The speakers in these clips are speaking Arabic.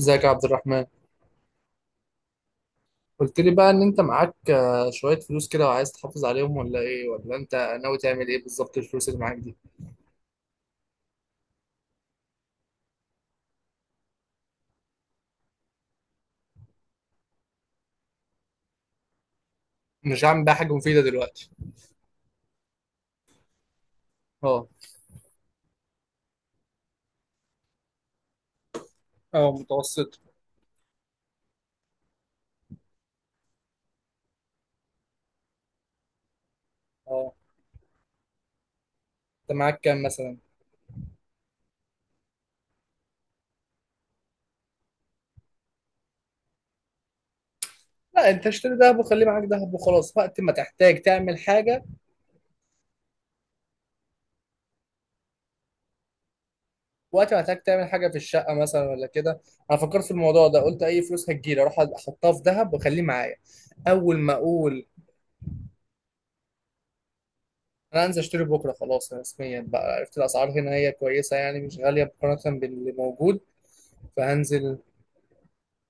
ازيك يا عبد الرحمن. قلت لي بقى ان انت معاك شوية فلوس كده، وعايز تحافظ عليهم ولا ايه، ولا انت ناوي تعمل ايه بالظبط الفلوس اللي معاك دي؟ مش هعمل بقى حاجة مفيدة دلوقتي. اه. اه متوسط. اه. انت معاك كام مثلا؟ لا، انت اشتري دهب وخليه معاك دهب وخلاص، وقت ما تحتاج تعمل حاجة. وقت ما تحتاج تعمل حاجة في الشقة مثلا ولا كده؟ انا فكرت في الموضوع ده، قلت اي فلوس هتجيلي اروح احطها في دهب واخليه معايا. اول ما اقول انا هنزل اشتري بكره، خلاص رسميا بقى عرفت الاسعار هنا، هي كويسه يعني، مش غاليه مقارنه باللي موجود. فهنزل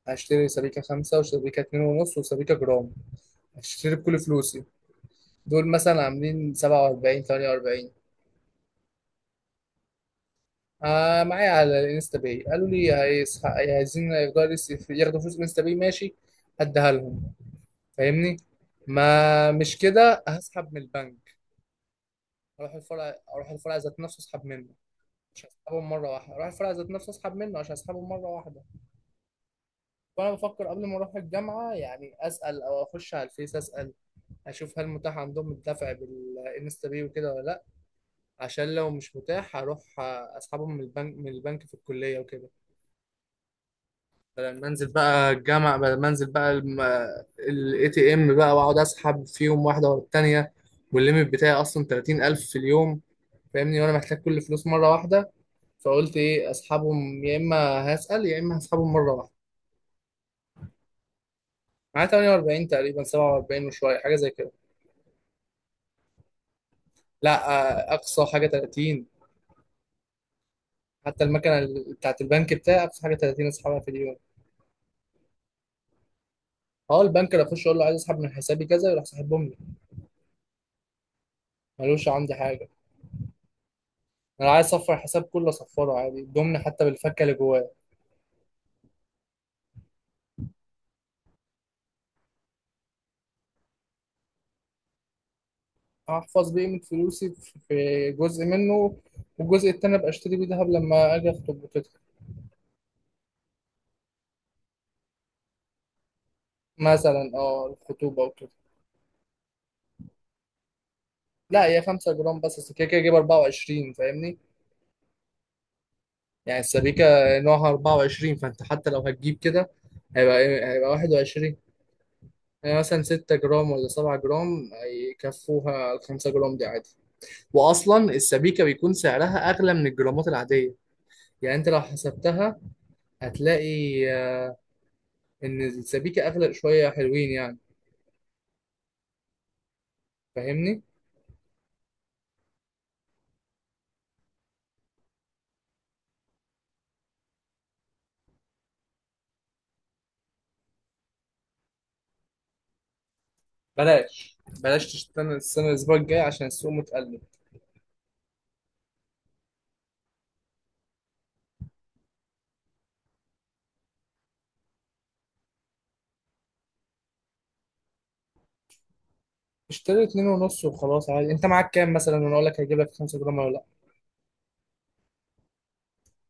هشتري سبيكة خمسة، وسبيكة 2.5، وسبيكة جرام، هشتري بكل فلوسي. دول مثلا عاملين 47، 48. معايا على الانستا باي، قالوا لي عايزين ياخدوا ياخدوا فلوس الانستا باي، ماشي، هديها لهم، فاهمني. ما مش كده هسحب من البنك. اروح الفرع ذات نفسه اسحب منه. مش هسحبهم مرة واحدة، أروح الفرع ذات نفسه أسحب منه عشان أسحبهم مرة واحدة. فأنا بفكر قبل ما أروح الجامعة يعني أسأل، أو أخش على الفيس أسأل، أشوف هل متاح عندهم الدفع بالإنستا باي وكده ولا لأ. عشان لو مش متاح هروح أسحبهم من البنك من البنك في الكلية وكده. بدل ما أنزل بقى الإي تي إم بقى، وأقعد أسحب فيهم واحدة ورا التانية، والليميت بتاعي أصلا 30,000 في اليوم. فاهمني، وأنا محتاج كل فلوس مرة واحدة. فقلت إيه؟ أسحبهم يا إما، هسأل يا إما هسحبهم مرة واحدة. معاه 48 تقريبا، 47 وشويه، حاجه زي كده. لا، اقصى حاجه 30. حتى المكنه بتاعت البنك بتاعي اقصى حاجه 30 اسحبها في اليوم. اه، البنك اللي اخش اقول له عايز اسحب من حسابي كذا، يروح ساحبهم لي. ملوش عندي حاجه. انا عايز اصفر الحساب كله، اصفره عادي، الضمن حتى بالفكه اللي جواه. احفظ بقيمه فلوسي في جزء منه، والجزء التاني ابقى اشتري بيه دهب لما اجي اخطب وكده. مثلا اه، الخطوبه وكده. لا، هي 5 جرام بس، أصل كده كده اجيب 24، فاهمني؟ يعني السبيكة نوعها 24، فأنت حتى لو هتجيب كده هيبقى إيه؟ هيبقى 21. يعني مثلا 6 جرام ولا 7 جرام، يكفوها ال 5 جرام دي عادي. وأصلا السبيكة بيكون سعرها أغلى من الجرامات العادية. يعني أنت لو حسبتها هتلاقي إن السبيكة أغلى شوية، حلوين يعني. فاهمني؟ بلاش، بلاش تستنى السنة، الأسبوع الجاي، عشان السوق متقلب. اشتري اتنين ونص وخلاص عادي، انت معاك كام مثلا وانا اقول لك هجيب لك 5 جرام ولا لا.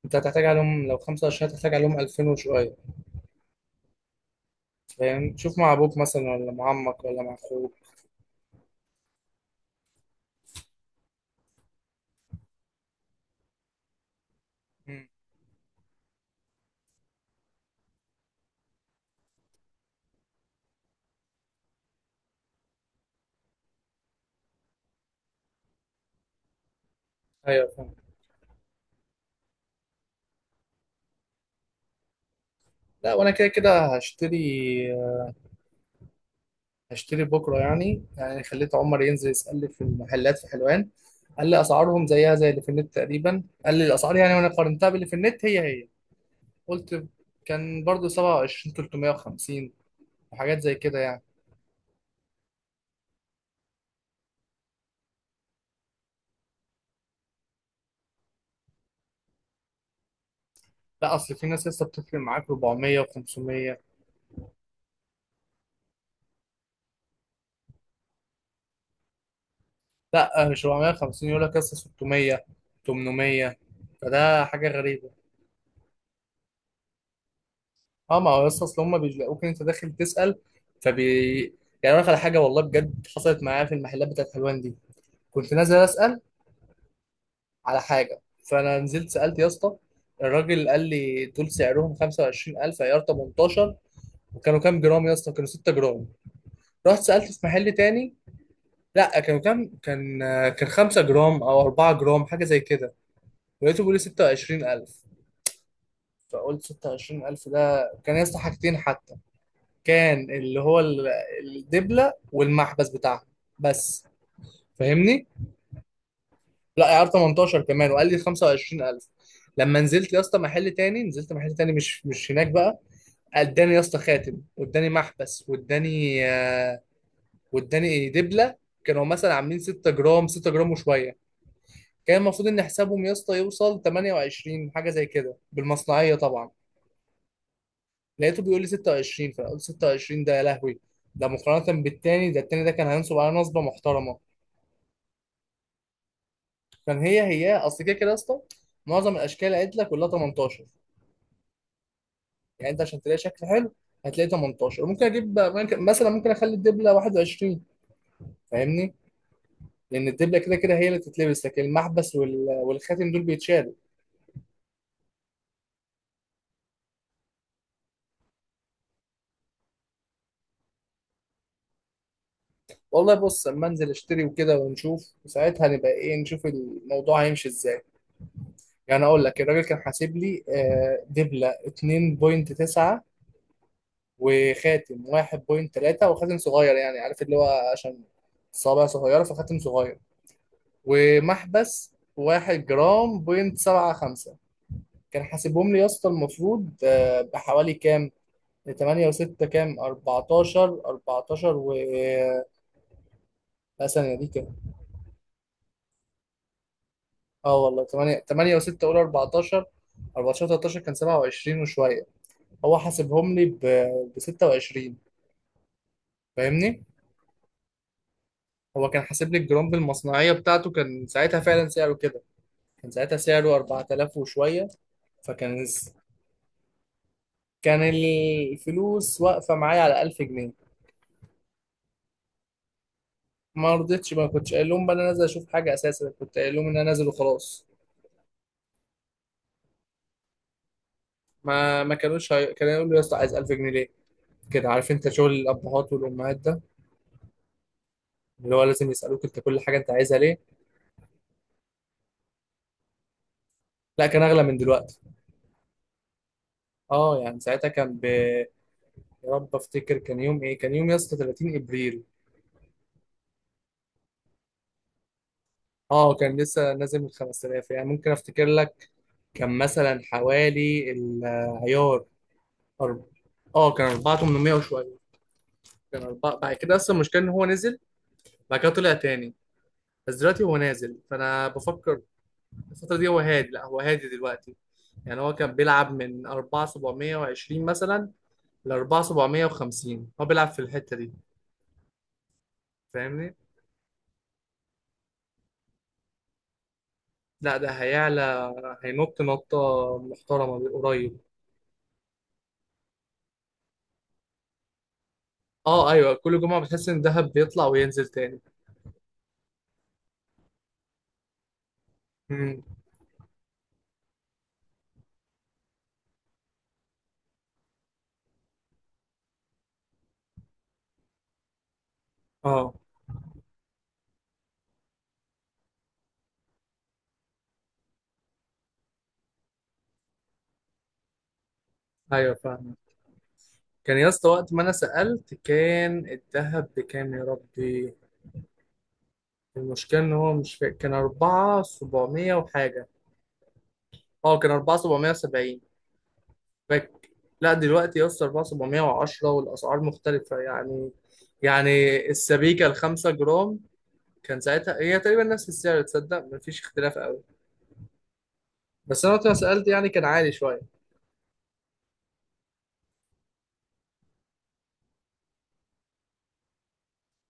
انت هتحتاج عليهم لو 5 قرش، هتحتاج عليهم 2000 وشويه. فاهم، تشوف مع ابوك مثلا، ولا مع عمك، ولا مع اخوك. مم. ايوه فاهم. لا، وانا كده كده هشتري بكره، يعني خليت عمر ينزل يسال لي في المحلات في حلوان. قال لي اسعارهم زيها زي اللي في النت تقريبا، قال لي الاسعار يعني، وانا قارنتها باللي في النت، هي هي. قلت، كان برضو 27 350 وحاجات زي كده يعني. لا، اصل في ناس لسه بتفرق معاك 400 و500. لا، مش 450، يقول لك لسه 600، 800، فده حاجه غريبه. اه، ما هو يا اسطى، اصل هم بيلاقوك انت داخل تسأل، فبي. يعني اقول لك على حاجه، والله بجد حصلت معايا في المحلات بتاعت حلوان دي. كنت نازل اسأل على حاجه، فانا نزلت سألت يا اسطى. الراجل قال لي دول سعرهم 25,000، عيار 18. وكانوا كام جرام يا اسطى؟ كانوا 6 جرام. رحت سألت في محل تاني. لا، كانوا كام؟ كان، كان 5 جرام او 4 جرام حاجه زي كده، لقيته بيقول لي 26,000. فقلت 26,000 ده كان يا اسطى حاجتين، كان اللي هو الدبلة والمحبس بتاعها بس، فاهمني. لا، عيار 18 كمان، وقال لي 25,000. لما نزلت يا اسطى محل تاني نزلت محل تاني مش هناك بقى. اداني يا اسطى خاتم، واداني محبس، واداني دبلة. كانوا مثلا عاملين 6 جرام، 6 جرام وشوية، كان المفروض ان حسابهم يا اسطى يوصل 28 حاجة زي كده بالمصنعية طبعا. لقيته بيقول لي 26، فانا قلت 26 ده يا لهوي، ده مقارنة بالتاني، ده التاني ده كان هينصب على نصبة محترمة. عشان هي هي، اصل كده كده يا اسطى، معظم الاشكال اللي قالت لك كلها 18. يعني انت عشان تلاقي شكل حلو هتلاقي 18، ممكن اجيب مثلا ممكن اخلي الدبله 21، فاهمني. لان الدبله كده كده هي اللي تتلبس، لكن المحبس والخاتم دول بيتشالوا. والله بص، اما انزل اشتري وكده ونشوف، وساعتها نبقى ايه، نشوف الموضوع هيمشي ازاي. يعني اقول لك الراجل كان حاسب لي دبله 2.9، وخاتم 1.3، وخاتم صغير يعني، عارف اللي هو عشان صابع صغيره فخاتم صغير، ومحبس واحد جرام بوينت سبعة خمسة. كان حاسبهم لي يا اسطى المفروض بحوالي كام؟ تمانية وستة كام؟ أربعتاشر و، لا، ثانية دي كام؟ اه والله، تمانية، تمانية وستة، قول 14. أربعتاشر، 13، كان 27 وشوية، هو حاسبهم لي بستة وعشرين. فاهمني؟ هو كان حاسب لي الجرام بالمصنعية بتاعته، كان ساعتها فعلا سعره كده، كان ساعتها سعره 4000 وشوية. فكان، كان الفلوس واقفة معايا على 1000 جنيه. ما رضيتش، ما كنتش قايل لهم بقى انا نازل اشوف حاجه اساسا، كنت قايل لهم ان انا نازل وخلاص. ما كانوش كانوا يقولوا يا اسطى عايز 1000 جنيه ليه؟ كده عارف انت شغل الابهات والامهات ده، اللي هو لازم يسالوك انت كل حاجه انت عايزها ليه. لا، كان اغلى من دلوقتي. اه، يعني ساعتها كان يا رب افتكر، كان يوم ايه؟ كان يوم يا اسطى 30 ابريل. اه، كان لسه نازل من 5000، يعني ممكن افتكر لك، كان مثلا حوالي العيار أرب... اه، كان 4800 وشويه، كان أربعة. بعد كده اصلا المشكله ان هو نزل، بعد كده طلع تاني. بس دلوقتي هو نازل، فانا بفكر. الفتره دي هو هادي، لا هو هادي دلوقتي. يعني هو كان بيلعب من 4720 مثلا ل 4750، هو بيلعب في الحته دي. فاهمني، لا، ده هيعلى، هينط نطه محترمه قريب. اه، ايوه، كل جمعه بتحس ان دهب بيطلع وينزل تاني. امم. اه، ايوه، فاهم. كان يا اسطى وقت ما انا سالت كان الذهب بكام يا ربي، المشكله ان هو مش فاكر، كان 4700 وحاجه. اه، كان 4770 باك. لا دلوقتي يا اسطى 4710، والاسعار مختلفه يعني السبيكه ال 5 جرام كان ساعتها هي تقريبا نفس السعر، تصدق مفيش اختلاف قوي. بس انا وقت ما سالت يعني كان عالي شويه.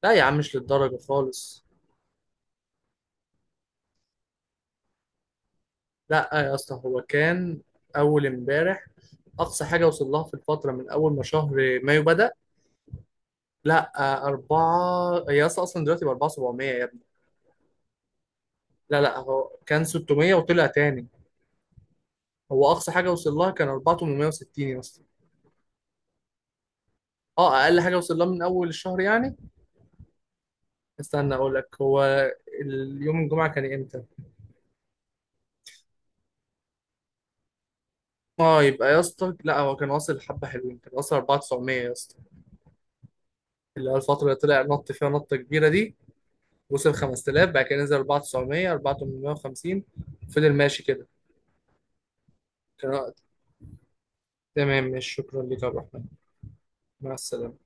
لا يا عم، مش للدرجه خالص. لا يا اسطى هو كان اول امبارح اقصى حاجه وصل لها في الفتره من اول ما شهر مايو بدا. لا، أربعة، هي أصلا دلوقتي ب 4700 يا ابني. لا لا، هو كان 600 وطلع تاني. هو أقصى حاجة وصل لها كان 4860 يا اسطى. اه، اقل حاجه وصل لها من اول الشهر يعني. استنى اقول لك، هو اليوم الجمعه كان امتى؟ اه، يبقى يا اسطى لا هو كان واصل، حبه حلوين، كان واصل 4900 يا اسطى، اللي هو الفتره اللي طلع نط فيها نطه كبيره دي، وصل 5000، بعد كده نزل 4900، 4850، فضل ماشي كده. كان- تمام، ماشي، شكرا لك يا عبد الرحمن، مع السلامه.